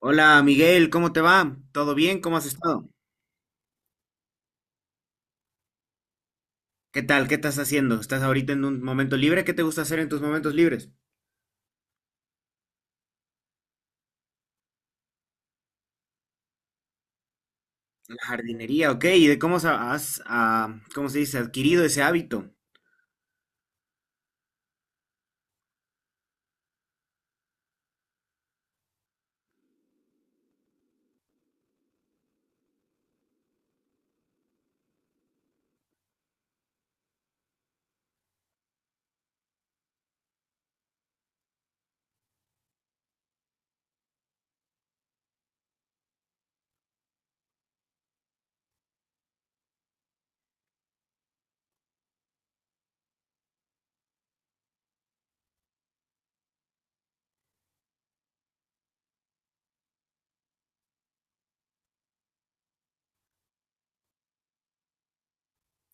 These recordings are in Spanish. Hola Miguel, ¿cómo te va? ¿Todo bien? ¿Cómo has estado? ¿Qué tal? ¿Qué estás haciendo? ¿Estás ahorita en un momento libre? ¿Qué te gusta hacer en tus momentos libres? La jardinería, ok. ¿Y de cómo sa- has, ah, cómo se dice, adquirido ese hábito?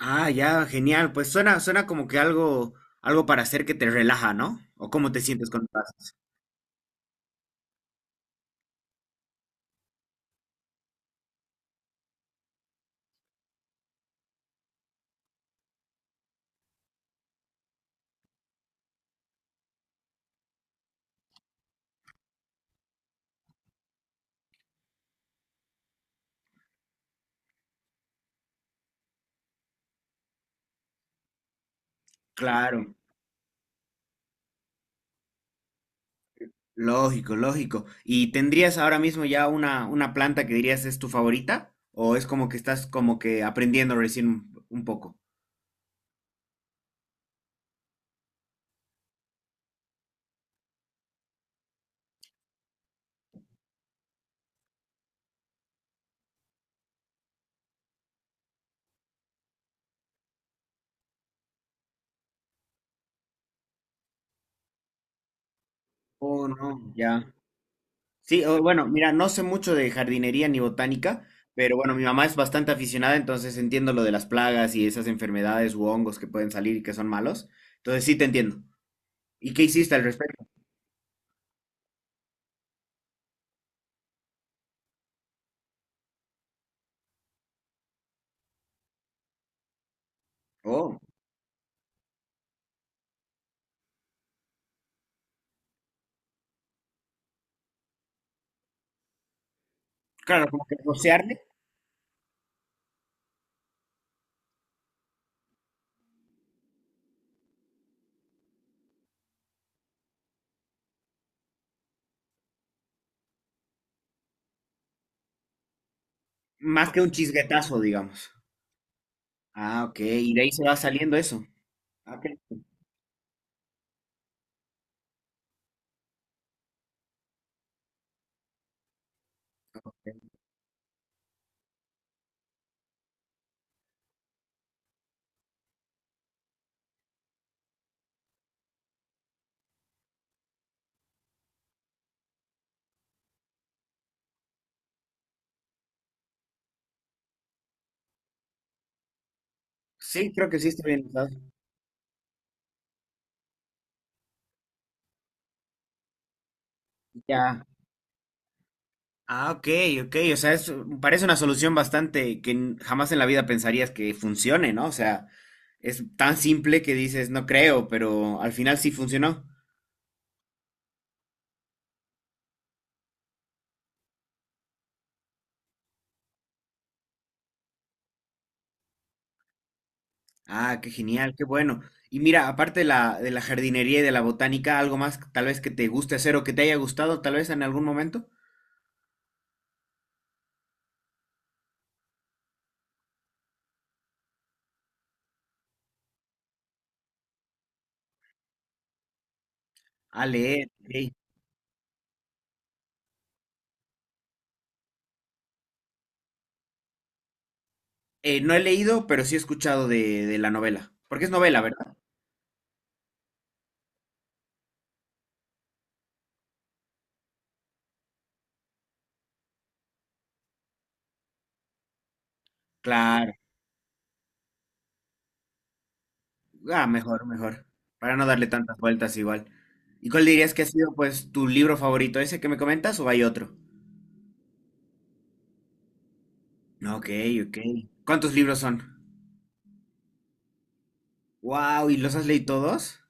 Ah, ya, genial. Pues suena como que algo para hacer que te relaja, ¿no? ¿O cómo te sientes cuando pasas? Claro, lógico, lógico. ¿Y tendrías ahora mismo ya una planta que dirías es tu favorita? ¿O es como que estás como que aprendiendo recién un poco? Oh, no, ya. Sí, bueno, mira, no sé mucho de jardinería ni botánica, pero bueno, mi mamá es bastante aficionada, entonces entiendo lo de las plagas y esas enfermedades u hongos que pueden salir y que son malos. Entonces sí te entiendo. ¿Y qué hiciste al respecto? Oh, claro, como que rociarle más que un chisguetazo, digamos. Ah, ok, y de ahí se va saliendo eso. Ah, ok. Sí, creo que sí está bien usado. Ya. Ah, ok, ok. O sea, parece una solución bastante que jamás en la vida pensarías que funcione, ¿no? O sea, es tan simple que dices, no creo, pero al final sí funcionó. Ah, qué genial, qué bueno. Y mira, aparte de de la jardinería y de la botánica, algo más tal vez que te guste hacer o que te haya gustado tal vez en algún momento. Ah, leer, ok. No he leído, pero sí he escuchado de la novela. Porque es novela, ¿verdad? Claro. Ah, mejor, mejor. Para no darle tantas vueltas igual. ¿Y cuál dirías que ha sido, pues, tu libro favorito? ¿Ese que me comentas o hay otro? Ok, ok. ¿Cuántos libros son? Wow, ¿y los has leído todos?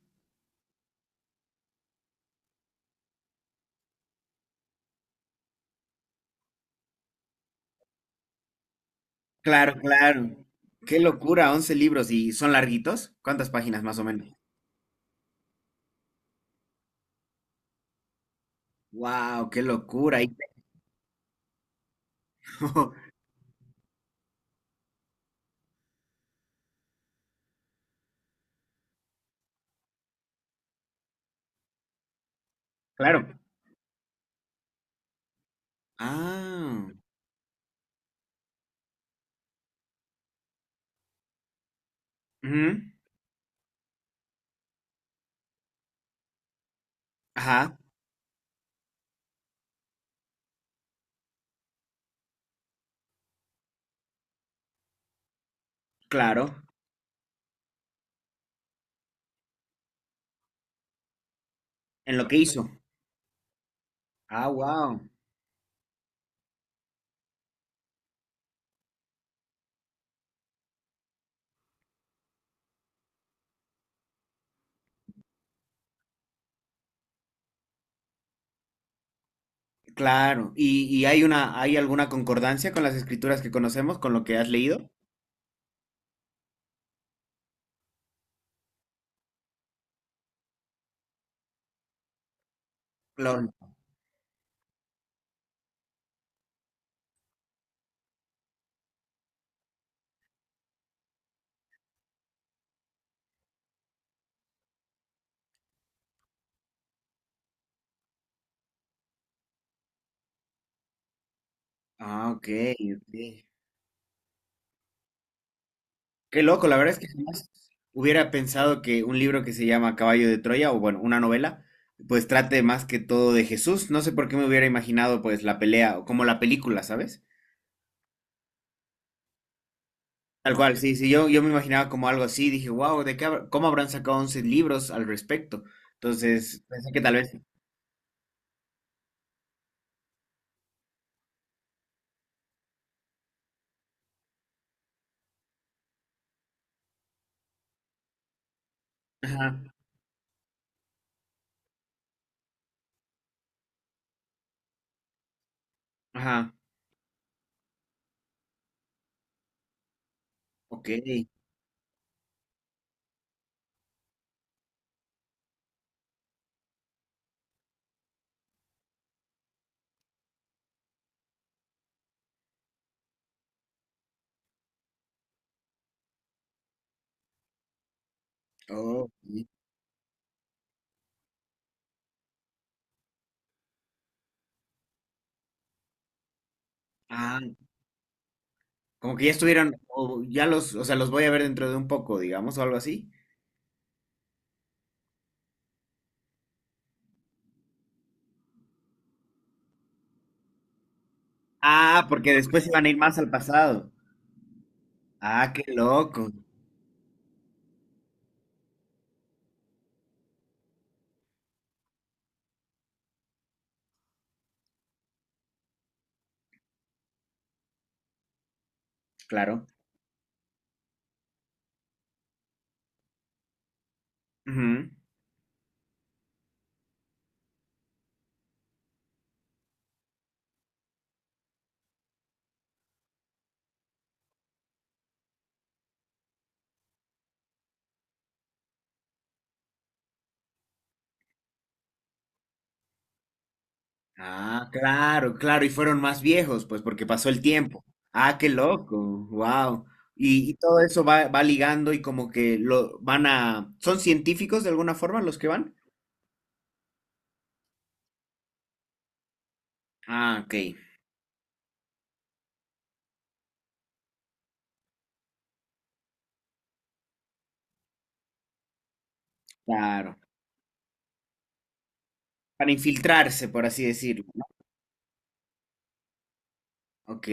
Claro, claro. Qué locura, 11 libros. ¿Y son larguitos? ¿Cuántas páginas más o menos? Wow, qué locura. Y- Claro. Ah, ujú, ajá, claro. En lo que hizo. Ah, wow. Claro. Y hay hay alguna concordancia con las escrituras que conocemos, con lo que has leído? Claro. Ah, ok, ok. Qué loco, la verdad es que jamás hubiera pensado que un libro que se llama Caballo de Troya, o bueno, una novela, pues trate más que todo de Jesús. No sé por qué me hubiera imaginado pues la pelea, o como la película, ¿sabes? Tal cual, sí, sí, yo me imaginaba como algo así, dije, wow, ¿de qué cómo habrán sacado 11 libros al respecto? Entonces, pensé que tal vez... Ajá, ajá, ok. Oh, sí. Ah, como que ya estuvieran, o ya los, o sea, los voy a ver dentro de un poco, digamos, o algo así. Ah, porque después iban a ir más al pasado. Ah, qué loco. Claro. Ujú. Ah, claro, claro. Y fueron más viejos, pues, porque pasó el tiempo. Ah, qué loco. Wow. Y todo eso va, va ligando y como que lo van a... ¿Son científicos de alguna forma los que van? Ah, ok. Claro. Para infiltrarse, por así decirlo, ¿no? Ok.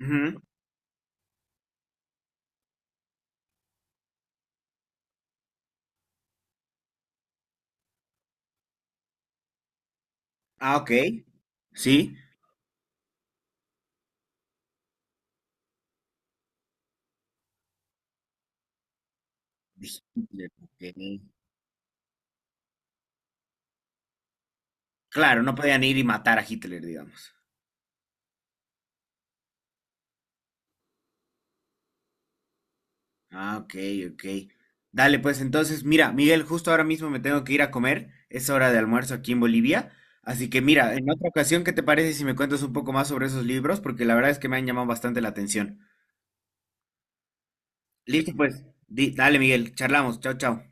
Ujú. Ah, ok. Sí. Dije, Hitler, ok. Claro, no podían ir y matar a Hitler, digamos. Ah, ok, ok. Dale, pues entonces, mira, Miguel, justo ahora mismo me tengo que ir a comer. Es hora de almuerzo aquí en Bolivia. Así que mira, en otra ocasión, ¿qué te parece si me cuentas un poco más sobre esos libros? Porque la verdad es que me han llamado bastante la atención. Listo, pues. Dale, Miguel, charlamos. Chao, chao.